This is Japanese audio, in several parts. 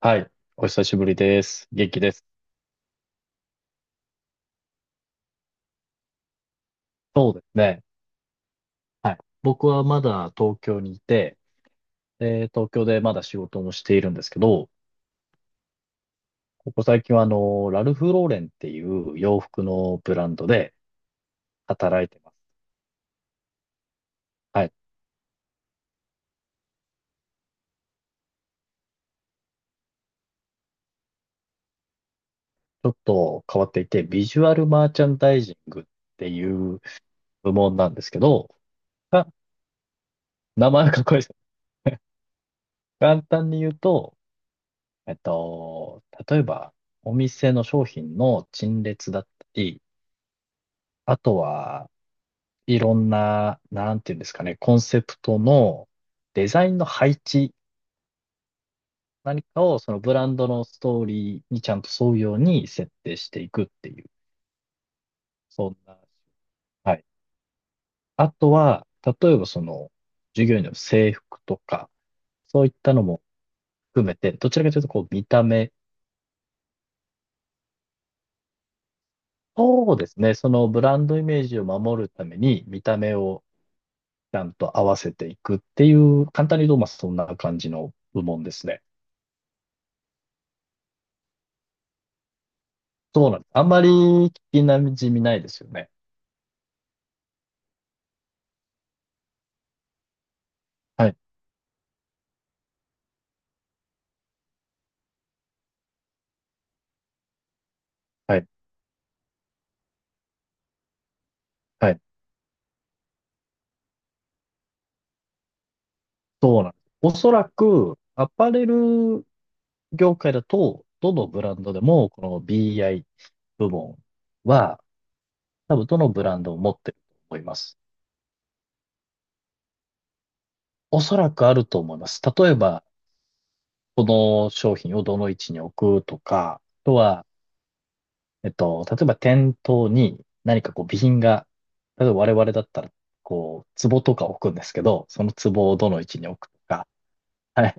はい。お久しぶりです。元気です。そうですね。はい。僕はまだ東京にいて、東京でまだ仕事もしているんですけど、ここ最近はラルフ・ローレンっていう洋服のブランドで働いてます。はい。ちょっと変わっていて、ビジュアルマーチャンダイジングっていう部門なんですけど、あ名前はかっこいいです。簡単に言うと、えっと、例えば、お店の商品の陳列だったり、あとは、いろんな、なんていうんですかね、コンセプトのデザインの配置、何かをそのブランドのストーリーにちゃんと沿うように設定していくっていう、そんな。はい。あとは、例えばその、従業員の制服とか、そういったのも含めて、どちらかというとこう見た目、そうですね、そのブランドイメージを守るために見た目をちゃんと合わせていくっていう、簡単に言うとまあそんな感じの部門ですね。そうなんです。あんまり聞きなじみないですよね。はい、はい、はい。そうなんです。おそらく、アパレル業界だと、どのブランドでも、この BI 部門は、多分どのブランドを持ってると思います。おそらくあると思います。例えば、この商品をどの位置に置くとか、あとは、例えば店頭に何かこう備品が、例えば我々だったら、こう、壺とか置くんですけど、その壺をどの位置に置くとか、はい。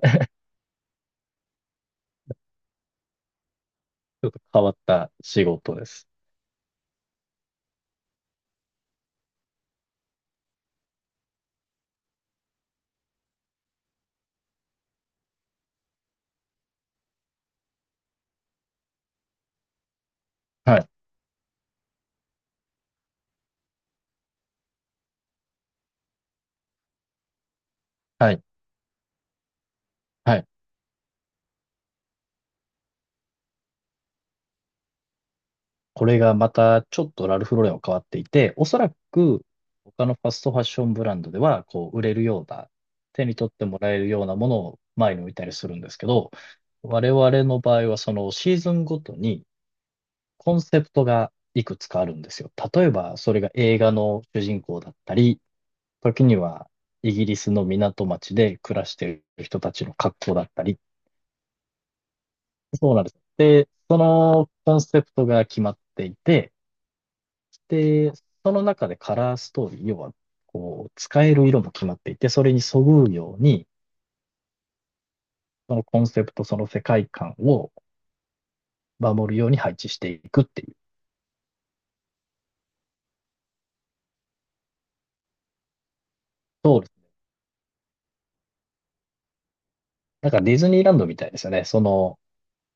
ちょっと変わった仕事です。はい、はい、はい。これがまたちょっとラルフローレンは変わっていて、おそらく他のファストファッションブランドではこう売れるような、手に取ってもらえるようなものを前に置いたりするんですけど、我々の場合はそのシーズンごとにコンセプトがいくつかあるんですよ。例えばそれが映画の主人公だったり、時にはイギリスの港町で暮らしている人たちの格好だったり、そうなんです。で、そのコンセプトが決まっていて、で、その中でカラーストーリー、要は、こう、使える色も決まっていて、それにそぐうように、そのコンセプト、その世界観を守るように配置していくっていう。そうです。なんかディズニーランドみたいですよね。その、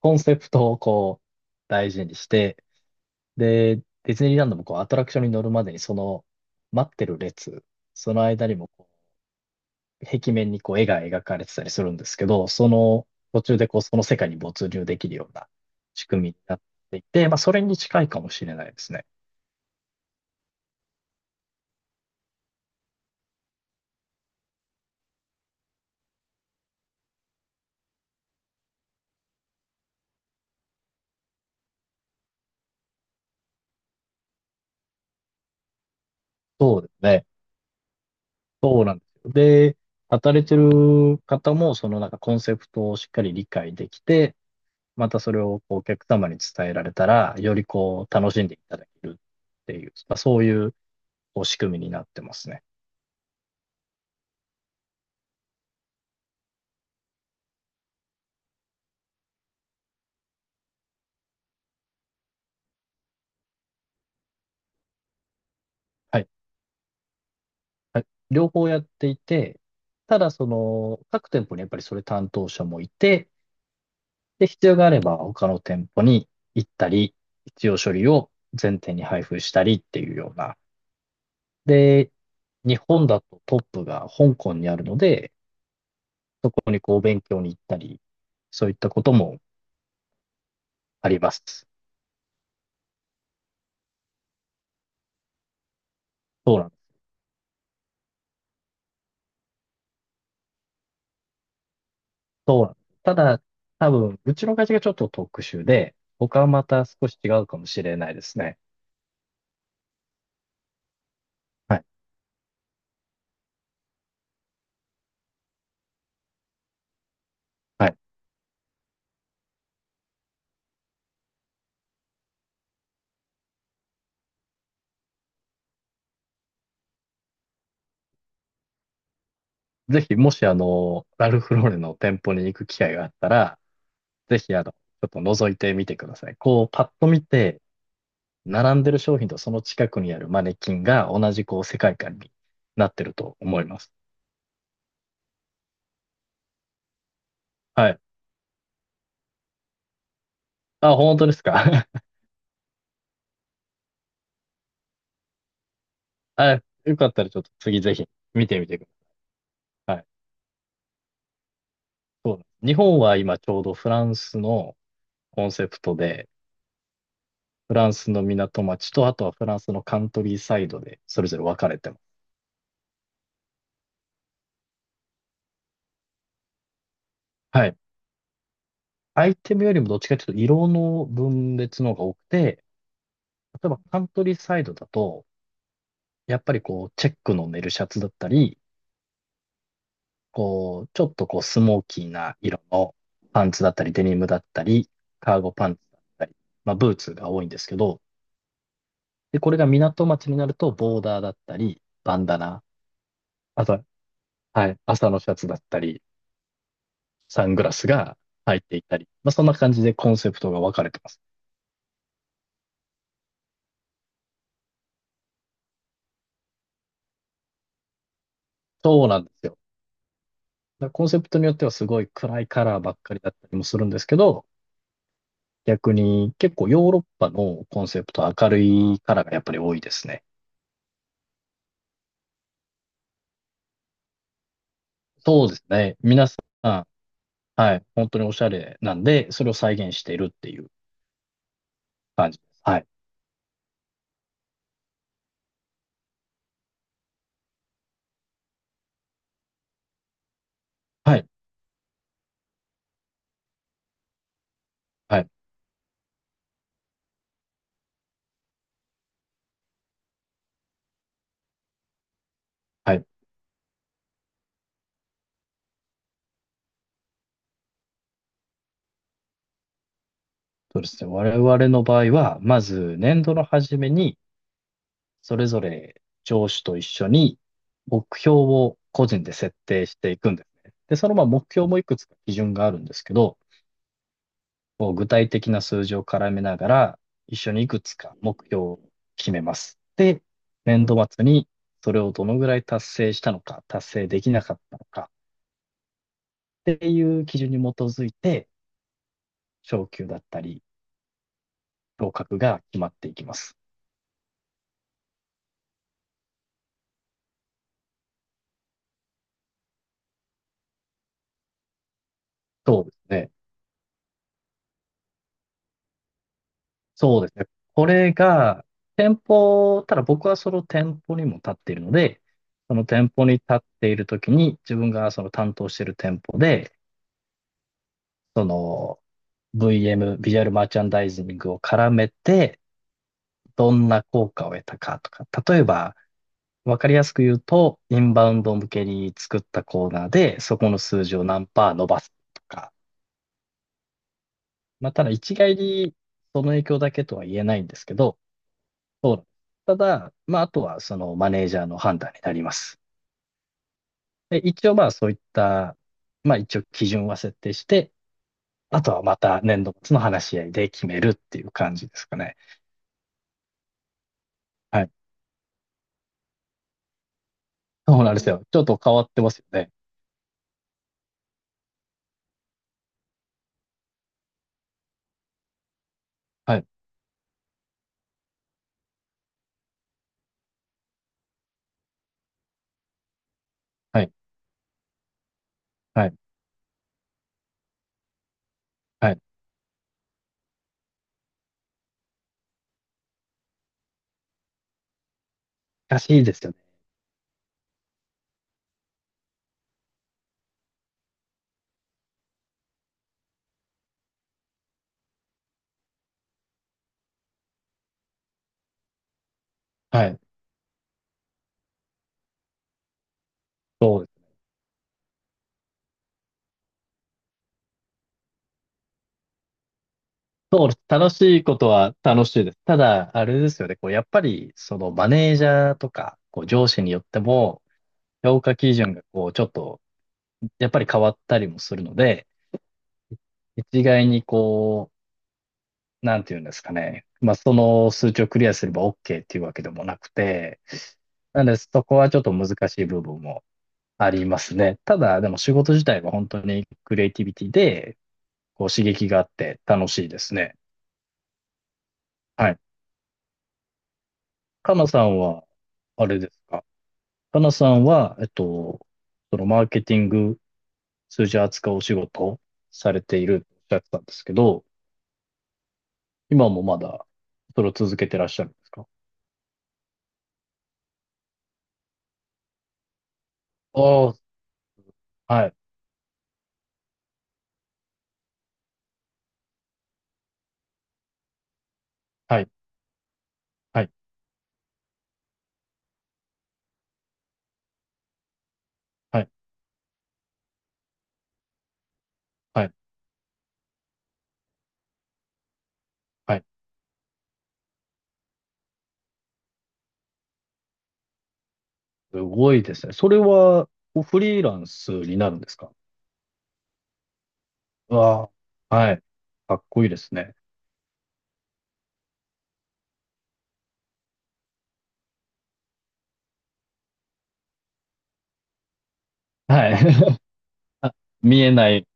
コンセプトをこう、大事にして、で、ディズニーランドもこう、アトラクションに乗るまでに、その、待ってる列、その間にも壁面にこう絵が描かれてたりするんですけど、その途中でこうその世界に没入できるような仕組みになっていて、まあそれに近いかもしれないですね。そうですね。で、働いてる方もそのなんかコンセプトをしっかり理解できて、またそれをこうお客様に伝えられたら、よりこう楽しんでいただけるっていう、まあ、そういうこう仕組みになってますね。はい。はい、両方やっていて、ただその各店舗にやっぱりそれ担当者もいて、で、必要があれば他の店舗に行ったり、必要書類を全店に配布したりっていうような。で、日本だとトップが香港にあるので、ここにこう勉強に行ったり、そういったこともあります。そうなんです。そうなんです。ただ、多分、うちの会社がちょっと特殊で、他はまた少し違うかもしれないですね。はい。はい。ぜひ、もしラルフローレンの店舗に行く機会があったら、ぜひちょっと覗いてみてください。こう、パッと見て、並んでる商品とその近くにあるマネキンが同じこう世界観になってると思います。はい。あ、本当ですか？ はい。よかったらちょっと次ぜひ見てみてください。はい。そうです。日本は今ちょうどフランスのコンセプトで、フランスの港町と、あとはフランスのカントリーサイドでそれぞれ分かれてます。はい。アイテムよりもどっちかというと色の分裂の方が多くて、例えばカントリーサイドだと、やっぱりこう、チェックのネルシャツだったり、こう、ちょっとこう、スモーキーな色のパンツだったり、デニムだったり、カーゴパンツだったり、まあ、ブーツが多いんですけど、で、これが港町になると、ボーダーだったり、バンダナ、あと、はい、朝のシャツだったり、サングラスが入っていたり、まあ、そんな感じでコンセプトが分かれてます。そうなんですよ。だからコンセプトによってはすごい暗いカラーばっかりだったりもするんですけど、逆に結構ヨーロッパのコンセプトは明るいカラーがやっぱり多いですね。そうですね。皆さん、はい。本当におしゃれなんで、それを再現しているっていう感じです。はい。はい。はい。はい。そうですね。我々の場合は、まず年度の初めに、それぞれ上司と一緒に目標を個人で設定していくんですね。で、そのまあ目標もいくつか基準があるんですけど、こう具体的な数字を絡めながら、一緒にいくつか目標を決めます。で、年度末にそれをどのぐらい達成したのか、達成できなかったのか、っていう基準に基づいて、昇級だったり、昇格が決まっていきます。そうですね。そうですね。これが、店舗、ただ僕はその店舗にも立っているので、その店舗に立っているときに、自分がその担当している店舗で、その VM、ビジュアルマーチャンダイジングを絡めて、どんな効果を得たかとか、例えば、わかりやすく言うと、インバウンド向けに作ったコーナーで、そこの数字を何パー伸ばすとか、まあ、ただ一概にその影響だけとは言えないんですけど、ただ、まあ、あとはそのマネージャーの判断になります。で、一応まあそういった、まあ一応基準は設定して、あとはまた年度末の話し合いで決めるっていう感じですかね。はい。そうなんですよ。ちょっと変わってますよね。はい。はい。はい。はい。らしいですよね。はい。そうです。そうです。楽しいことは楽しいです。ただ、あれですよね。こう、やっぱり、そのマネージャーとか、こう、上司によっても、評価基準がこう、ちょっと、やっぱり変わったりもするので、一概にこう、なんていうんですかね。まあ、その数値をクリアすれば OK っていうわけでもなくて、なので、そこはちょっと難しい部分もありますね。ただ、でも仕事自体は本当にクリエイティビティで、こう刺激があって楽しいですね。はい。かなさんは、あれですか。かなさんは、そのマーケティング、数字扱うお仕事をされているっておっしゃってたんですけど、今もまだ、それを続けてらっしゃるんですか？ああ、はい、はい、はい、はい、はい、はい。すごいですね。それは、こうフリーランスになるんですか？うわあ、はい。かっこいいですね。はい。あ見えない、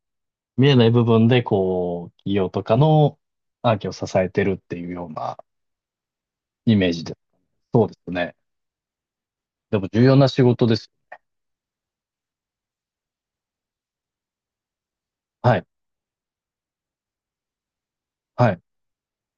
見えない、部分で、こう、企業とかのアーキを支えてるっていうようなイメージで。そうですね。でも重要な仕事です。はい、はい。